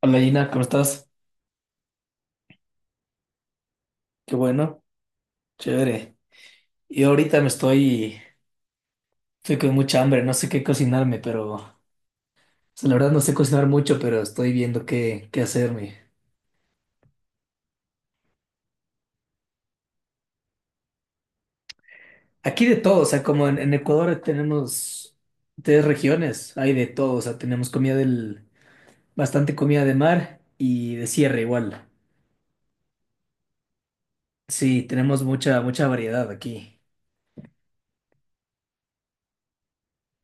Hola Gina, ¿cómo estás? Qué bueno, chévere. Y ahorita estoy con mucha hambre, no sé qué cocinarme, pero, o sea, la verdad no sé cocinar mucho, pero estoy viendo qué hacerme. Aquí de todo, o sea, como en Ecuador tenemos tres regiones, hay de todo, o sea, tenemos comida del, bastante comida de mar y de sierra igual. Sí, tenemos mucha variedad aquí.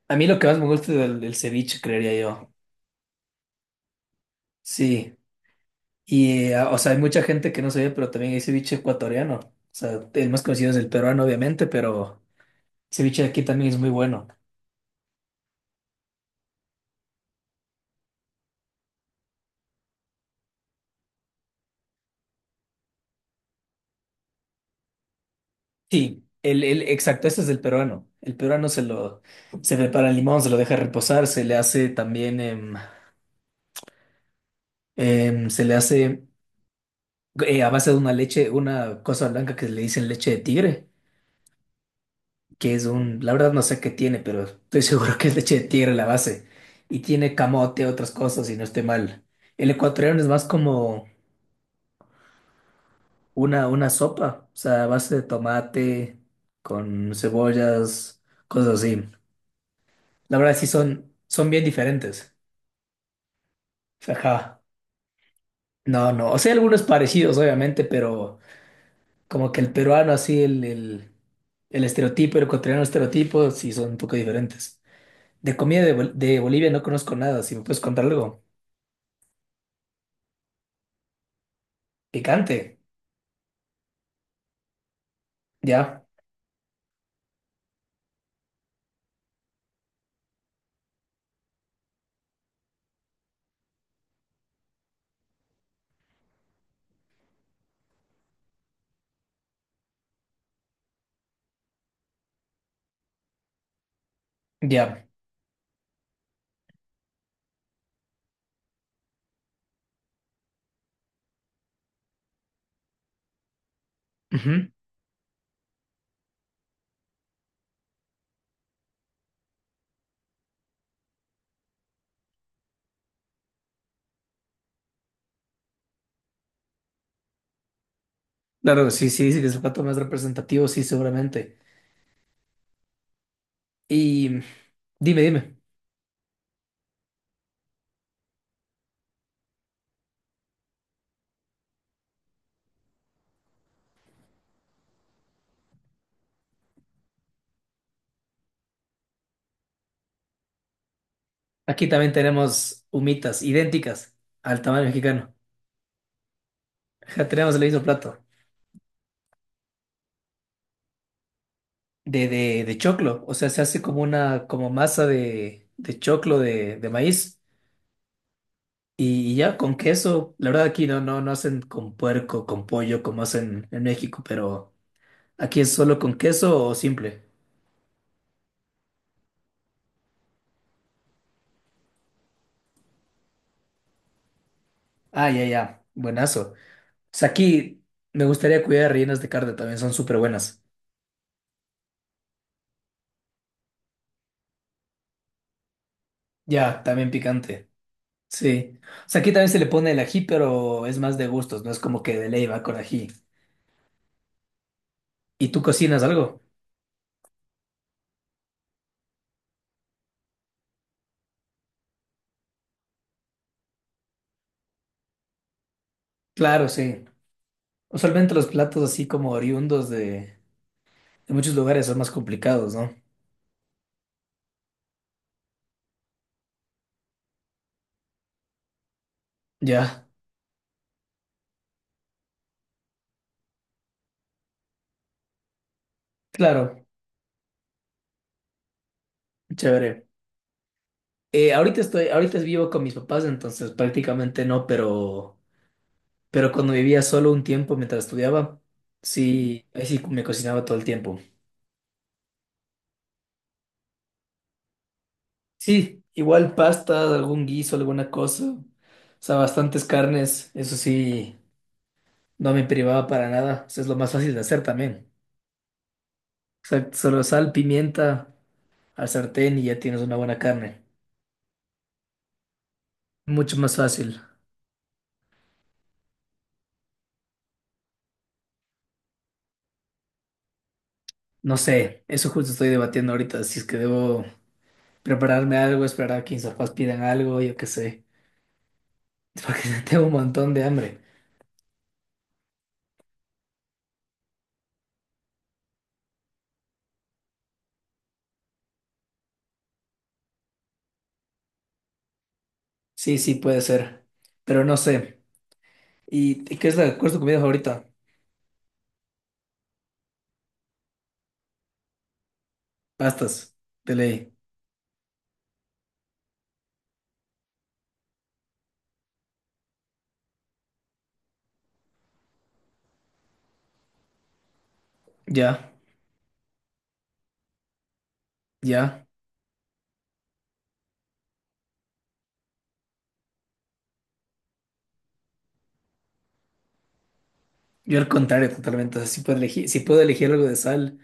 A mí lo que más me gusta es el ceviche, creería yo. Sí. Y, o sea, hay mucha gente que no sabe pero también hay ceviche ecuatoriano. O sea, el más conocido es el peruano, obviamente, pero el ceviche de aquí también es muy bueno. Sí, el exacto, este es el peruano. El peruano se prepara el limón, se lo deja reposar, se le hace también, se le hace a base de una leche, una cosa blanca que le dicen leche de tigre, que es un, la verdad no sé qué tiene, pero estoy seguro que es leche de tigre la base. Y tiene camote, otras cosas, y no esté mal. El ecuatoriano es más como una sopa, o sea, a base de tomate, con cebollas, cosas así. La verdad sí son, son bien diferentes. Ajá. No, no, o sea, algunos parecidos, obviamente, pero como que el peruano, así, el estereotipo, el ecuatoriano estereotipo, sí son un poco diferentes. De Bol- de Bolivia no conozco nada, si me puedes contar algo. Picante, ya, ya. Ujú. Claro, sí, sí, sí, que es el plato más representativo, sí, seguramente. Y dime, dime. Aquí también tenemos humitas idénticas al tamaño mexicano. Ajá, tenemos el mismo plato de choclo. O sea, se hace como una como masa de choclo de maíz. Y ya con queso, la verdad aquí no hacen con puerco, con pollo como hacen en México, pero aquí es solo con queso o simple. Ah, ya, ya, buenazo. O sea, aquí me gustaría cuidar rellenas de carne, también son súper buenas. Ya, también picante. Sí. O sea, aquí también se le pone el ají, pero es más de gustos, no es como que de ley va con ají. ¿Y tú cocinas algo? Claro, sí. Usualmente los platos así como oriundos de muchos lugares son más complicados, ¿no? Ya, claro, chévere. Ahorita vivo con mis papás, entonces prácticamente no, pero cuando vivía solo un tiempo mientras estudiaba, sí, ahí sí me cocinaba todo el tiempo. Sí, igual pasta, algún guiso, alguna cosa. O sea, bastantes carnes, eso sí. No me privaba para nada. Eso es lo más fácil de hacer también. Exacto, solo sal, pimienta al sartén y ya tienes una buena carne. Mucho más fácil. No sé, eso justo estoy debatiendo ahorita, si es que debo prepararme algo, esperar a que mis papás pidan algo, yo qué sé, porque tengo un montón de hambre. Sí, sí, puede ser, pero no sé. ¿Y qué es cuál es tu comida favorita? Pastas, de ley. Ya, ya. Yo al contrario, totalmente. O sea, si puedo elegir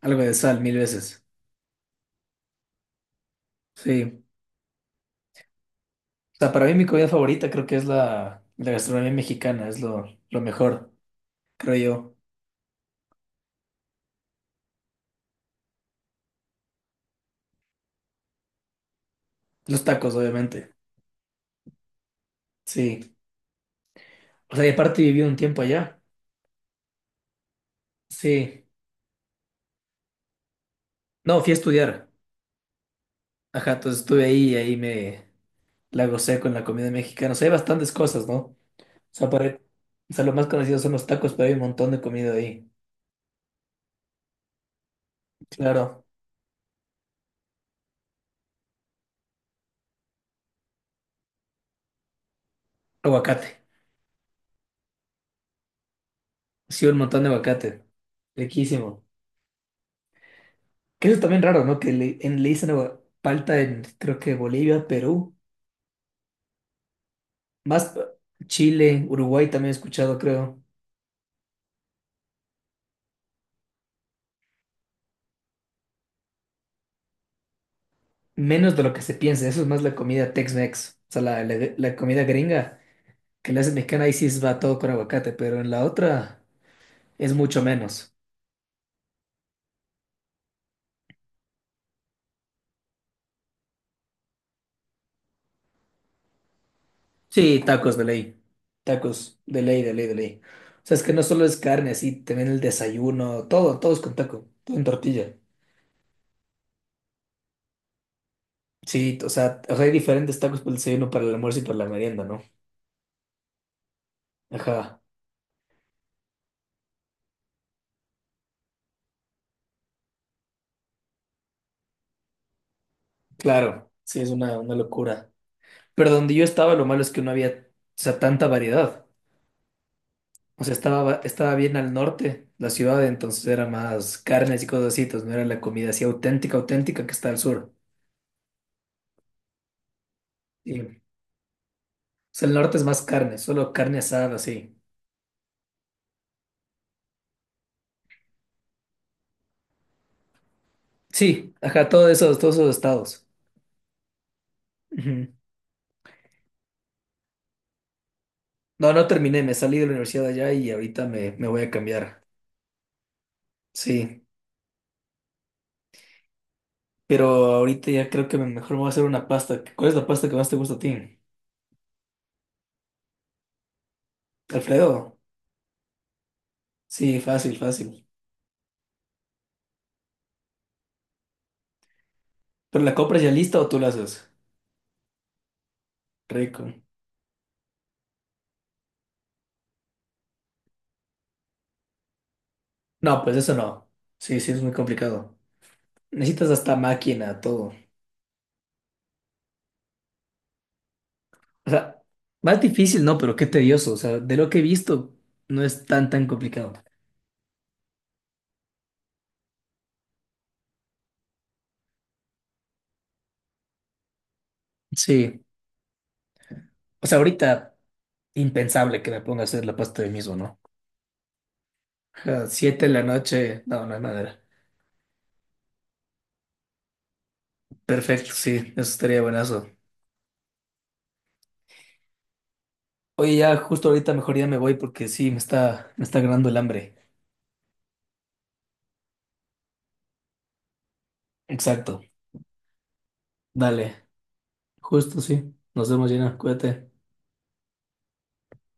algo de sal, mil veces. Sí. O sea, para mí mi comida favorita creo que es la gastronomía mexicana, es lo mejor, creo yo. Los tacos, obviamente. Sí. O sea, y aparte viví un tiempo allá. Sí. No, fui a estudiar. Ajá, entonces estuve ahí y ahí me la gocé con la comida mexicana. O sea, hay bastantes cosas, ¿no? O sea, para- o sea, lo más conocido son los tacos, pero hay un montón de comida ahí. Claro. Aguacate. Sí, un montón de aguacate. Riquísimo. Que eso es también raro, ¿no? Que le, en, le dicen agua- palta en, creo que Bolivia, Perú. Más Chile, Uruguay también he escuchado, creo. Menos de lo que se piensa. Eso es más la comida Tex-Mex. O sea, la comida gringa que la hace mexicana, ahí sí va todo con aguacate, pero en la otra es mucho menos. Sí, tacos de ley. Tacos de ley, de ley, de ley. O sea, es que no solo es carne, así también el desayuno, todo, todo es con taco, todo en tortilla. Sí, o sea, hay diferentes tacos para el desayuno, para el almuerzo y para la merienda, ¿no? Ajá, claro, sí, es una locura. Pero donde yo estaba, lo malo es que no había, o sea, tanta variedad. O sea, estaba bien al norte la ciudad, entonces era más carnes y cosas así, entonces no era la comida así auténtica, auténtica que está al sur. Y, o sea, el norte es más carne, solo carne asada, sí. Sí, ajá, todos esos estados. Ujú. No, no terminé, me salí de la universidad allá y ahorita me voy a cambiar. Sí, pero ahorita ya creo que me- mejor me voy a hacer una pasta. ¿Cuál es la pasta que más te gusta a ti? Alfredo. Sí, fácil, fácil. ¿Pero la compras ya lista o tú la haces? Rico. No, pues eso no. Sí, sí, es muy complicado. Necesitas hasta máquina, todo. O sea, más difícil, no, pero qué tedioso. O sea, de lo que he visto, no es tan complicado. Sí. O sea, ahorita, impensable que me ponga a hacer la pasta de mismo, ¿no? A 7 de la noche, no, no hay manera. Perfecto, sí, eso estaría buenazo. Oye, ya justo ahorita mejor ya me voy porque sí, me está ganando el hambre. Exacto. Dale, justo sí. Nos vemos, Gina. Cuídate.